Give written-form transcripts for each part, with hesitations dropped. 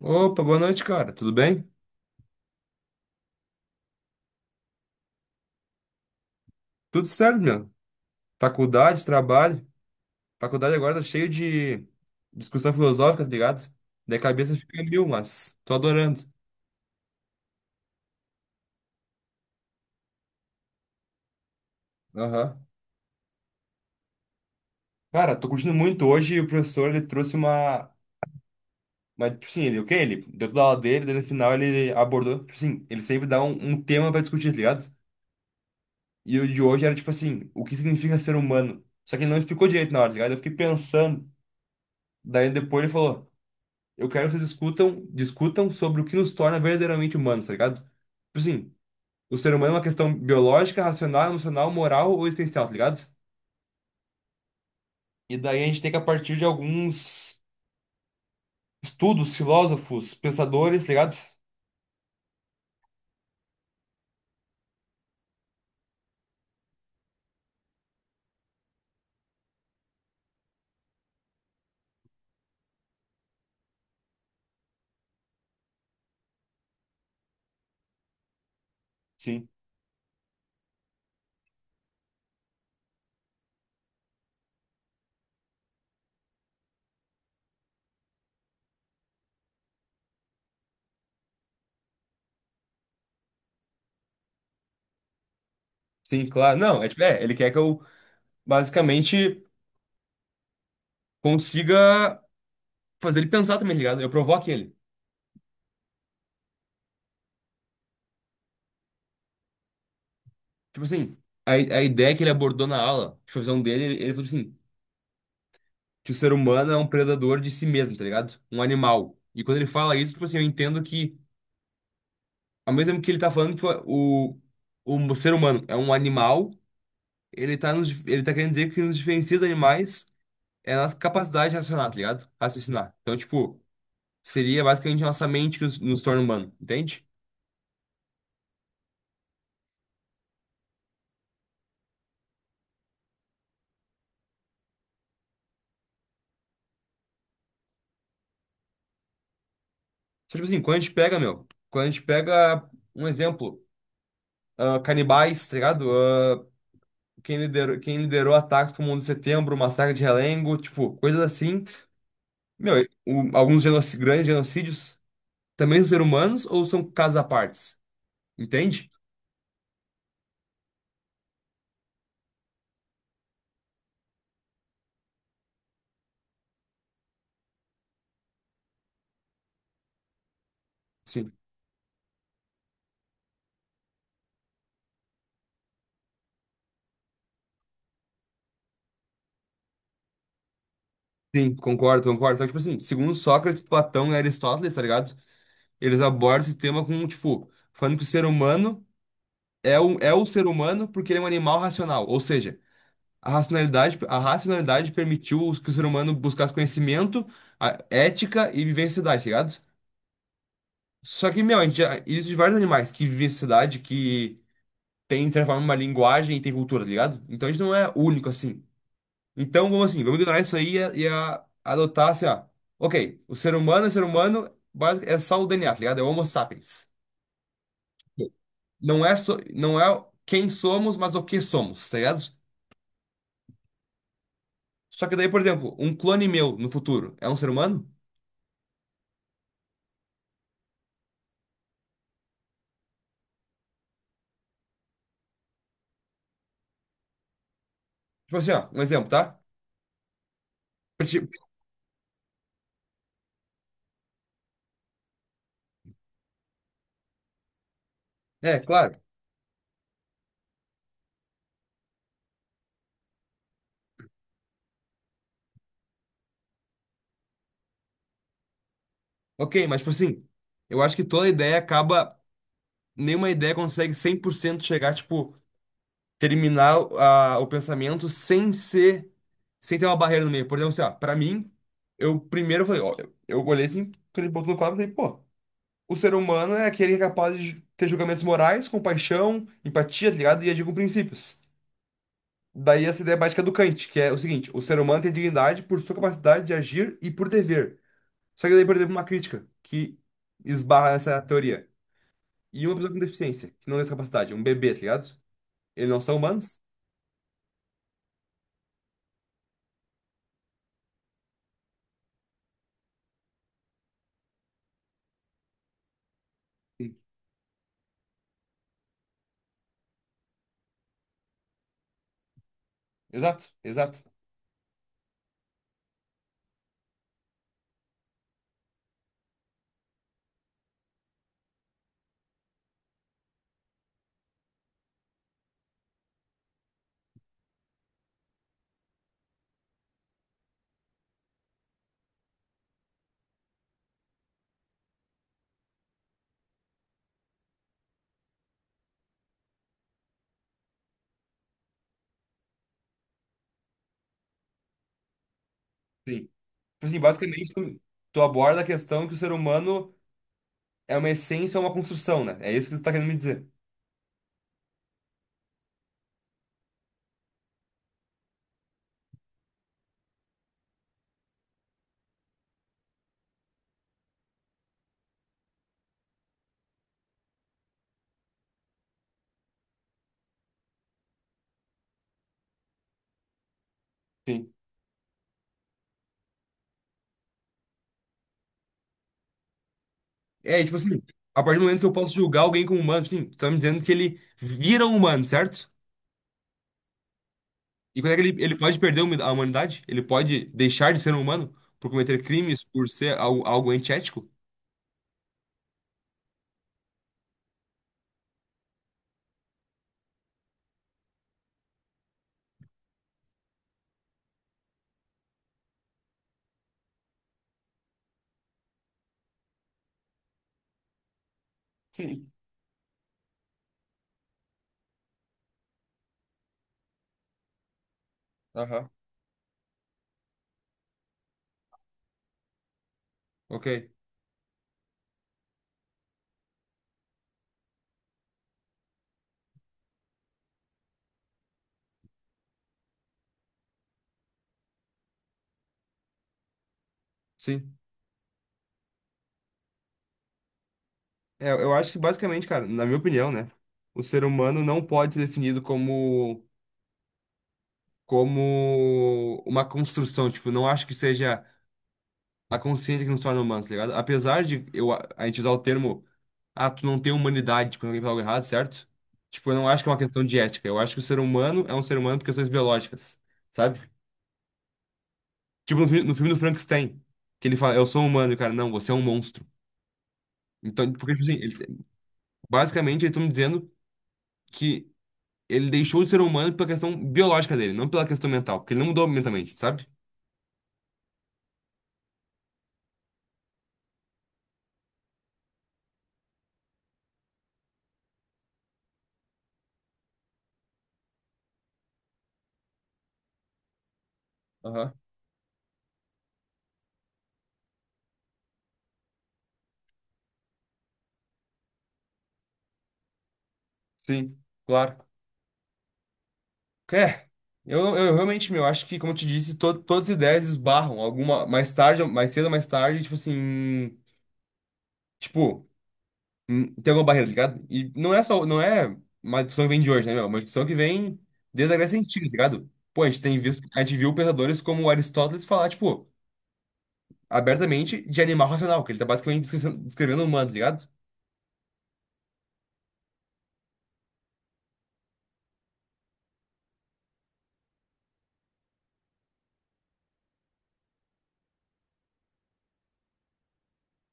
Opa, boa noite, cara. Tudo bem? Tudo certo, meu. Faculdade, trabalho. Faculdade agora tá cheio de discussão filosófica, tá ligado? Daí a cabeça fica em mil, mas tô adorando. Aham. Cara, tô curtindo muito. Hoje o professor, ele trouxe uma tipo assim, o quê? Ele deu toda a aula dele, daí no final ele abordou... Tipo assim, ele sempre dá um tema pra discutir, tá ligado? E o de hoje era tipo assim, o que significa ser humano? Só que ele não explicou direito na hora, tá ligado? Eu fiquei pensando. Daí depois ele falou... Eu quero que vocês discutam sobre o que nos torna verdadeiramente humanos, tá ligado? Tipo assim, o ser humano é uma questão biológica, racional, emocional, moral ou existencial, tá ligado? E daí a gente tem que, a partir de alguns estudos, filósofos, pensadores, tá ligado? Sim. Sim, claro. Não, é tipo, é, ele quer que eu basicamente consiga fazer ele pensar também, tá ligado? Eu provoque ele. Tipo assim, a ideia que ele abordou na aula, tipo, a visão dele, ele falou assim. Que o ser humano é um predador de si mesmo, tá ligado? Um animal. E quando ele fala isso, tipo assim, eu entendo que, ao mesmo tempo que ele tá falando que o, o ser humano é um animal, ele tá, ele tá querendo dizer que nos diferencia dos animais é a nossa capacidade de racionar, tá ligado? Raciocinar. Então, tipo, seria basicamente a nossa mente que nos, nos torna humano, entende? Só, tipo assim, quando a gente pega, meu, quando a gente pega um exemplo, ah, canibais, tá ligado? Ah, quem liderou ataques como o 11 de setembro, o massacre de Realengo, tipo, coisas assim. Meu, grandes genocídios também são seres humanos ou são casos à partes? Entende? Sim. Sim, concordo, concordo. Então, tipo assim, segundo Sócrates, Platão e Aristóteles, tá ligado? Eles abordam esse tema com, tipo, falando que o ser humano é o ser humano porque ele é um animal racional. Ou seja, a racionalidade permitiu que o ser humano buscasse conhecimento, ética e viver em sociedade, tá ligado? Só que, meu, a gente já, existe vários animais que vivem em sociedade, que tem, de certa forma, uma linguagem e tem cultura, tá ligado? Então a gente não é único assim. Então, vamos assim, vamos ignorar isso aí e adotar assim, ó. Ok, o ser humano é ser humano, é só o DNA, tá ligado? É o Homo sapiens. Não é quem somos, mas o que somos, tá ligado? Só que daí, por exemplo, um clone meu no futuro é um ser humano? Tipo assim, ó, um exemplo, tá? Pra ti- É, claro. Ok, mas tipo assim, eu acho que toda ideia acaba. Nenhuma ideia consegue 100% chegar, tipo. Terminar a, o pensamento sem ser, sem ter uma barreira no meio. Por exemplo, assim, ó, pra mim, eu primeiro falei, ó, eu olhei assim, aquele ponto no quadro e falei, pô, o ser humano é aquele que é capaz de ter julgamentos morais, compaixão, empatia, tá ligado? E agir com princípios. Daí essa ideia básica do Kant, que é o seguinte, o ser humano tem dignidade por sua capacidade de agir e por dever. Só que daí, por exemplo, uma crítica que esbarra nessa teoria. E uma pessoa com deficiência, que não tem essa capacidade, um bebê, tá ligado? Eles não são humanos? Sim. Exato, exato. Sim. Tipo assim, basicamente, tu, tu aborda a questão que o ser humano é uma essência, é uma construção, né? É isso que tu tá querendo me dizer. Sim. É, e, tipo assim, a partir do momento que eu posso julgar alguém como humano, tipo assim, tu tá me dizendo que ele vira um humano, certo? E quando é que ele pode perder humi- a humanidade? Ele pode deixar de ser um humano por cometer crimes, por ser algo, algo antiético? Sim. Aham. Ok. Sim. É, eu acho que basicamente, cara, na minha opinião, né? O ser humano não pode ser definido como. Como uma construção, tipo, não acho que seja a consciência que nos torna humanos, tá ligado? Apesar de eu, a gente usar o termo, ah, tu não tem humanidade quando alguém fala algo errado, certo? Tipo, eu não acho que é uma questão de ética. Eu acho que o ser humano é um ser humano por questões biológicas, sabe? Tipo no, no filme do Frankenstein, que ele fala, eu sou um humano, e o cara, não, você é um monstro. Então, porque, tipo assim, ele- basicamente eles estão me dizendo que ele deixou de ser humano pela questão biológica dele, não pela questão mental, porque ele não mudou mentalmente, sabe? Aham. Sim, claro. É, eu realmente, meu, acho que, como eu te disse, todas as ideias esbarram. Alguma, mais cedo mais tarde, tipo assim. Tipo, tem alguma barreira, tá ligado? E não é só, não é uma discussão que vem de hoje, né, meu? É uma discussão que vem desde a Grécia Antiga, tá ligado? Pô, a gente tem visto, a gente viu pensadores como Aristóteles falar, tipo, abertamente de animal racional, que ele tá basicamente descrevendo o humano, tá ligado?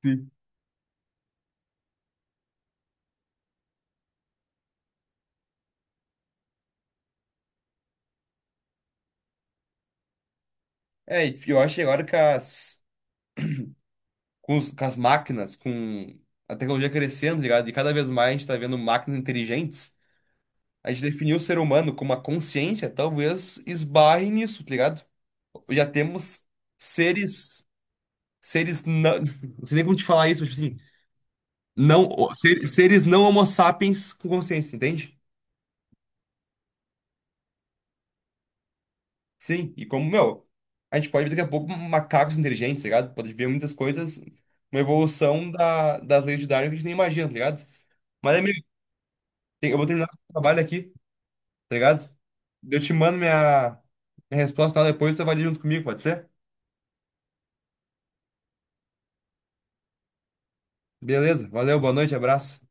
Sim. É, e eu acho que agora que com as máquinas, com a tecnologia crescendo, tá ligado? E cada vez mais a gente tá vendo máquinas inteligentes. A gente definiu o ser humano como uma consciência, talvez esbarre nisso, tá ligado? Já temos seres, não sei nem como te falar isso, mas tipo assim, não, seres não homo sapiens com consciência, entende? Sim, e como, meu, a gente pode ver daqui a pouco macacos inteligentes, tá ligado? Pode ver muitas coisas, uma evolução da, das leis de Darwin que a gente nem imagina, tá ligado? Mas, amigo, eu vou terminar o trabalho aqui, tá ligado? Eu te mando minha resposta lá depois, tu avalia junto comigo, pode ser? Beleza, valeu, boa noite, abraço.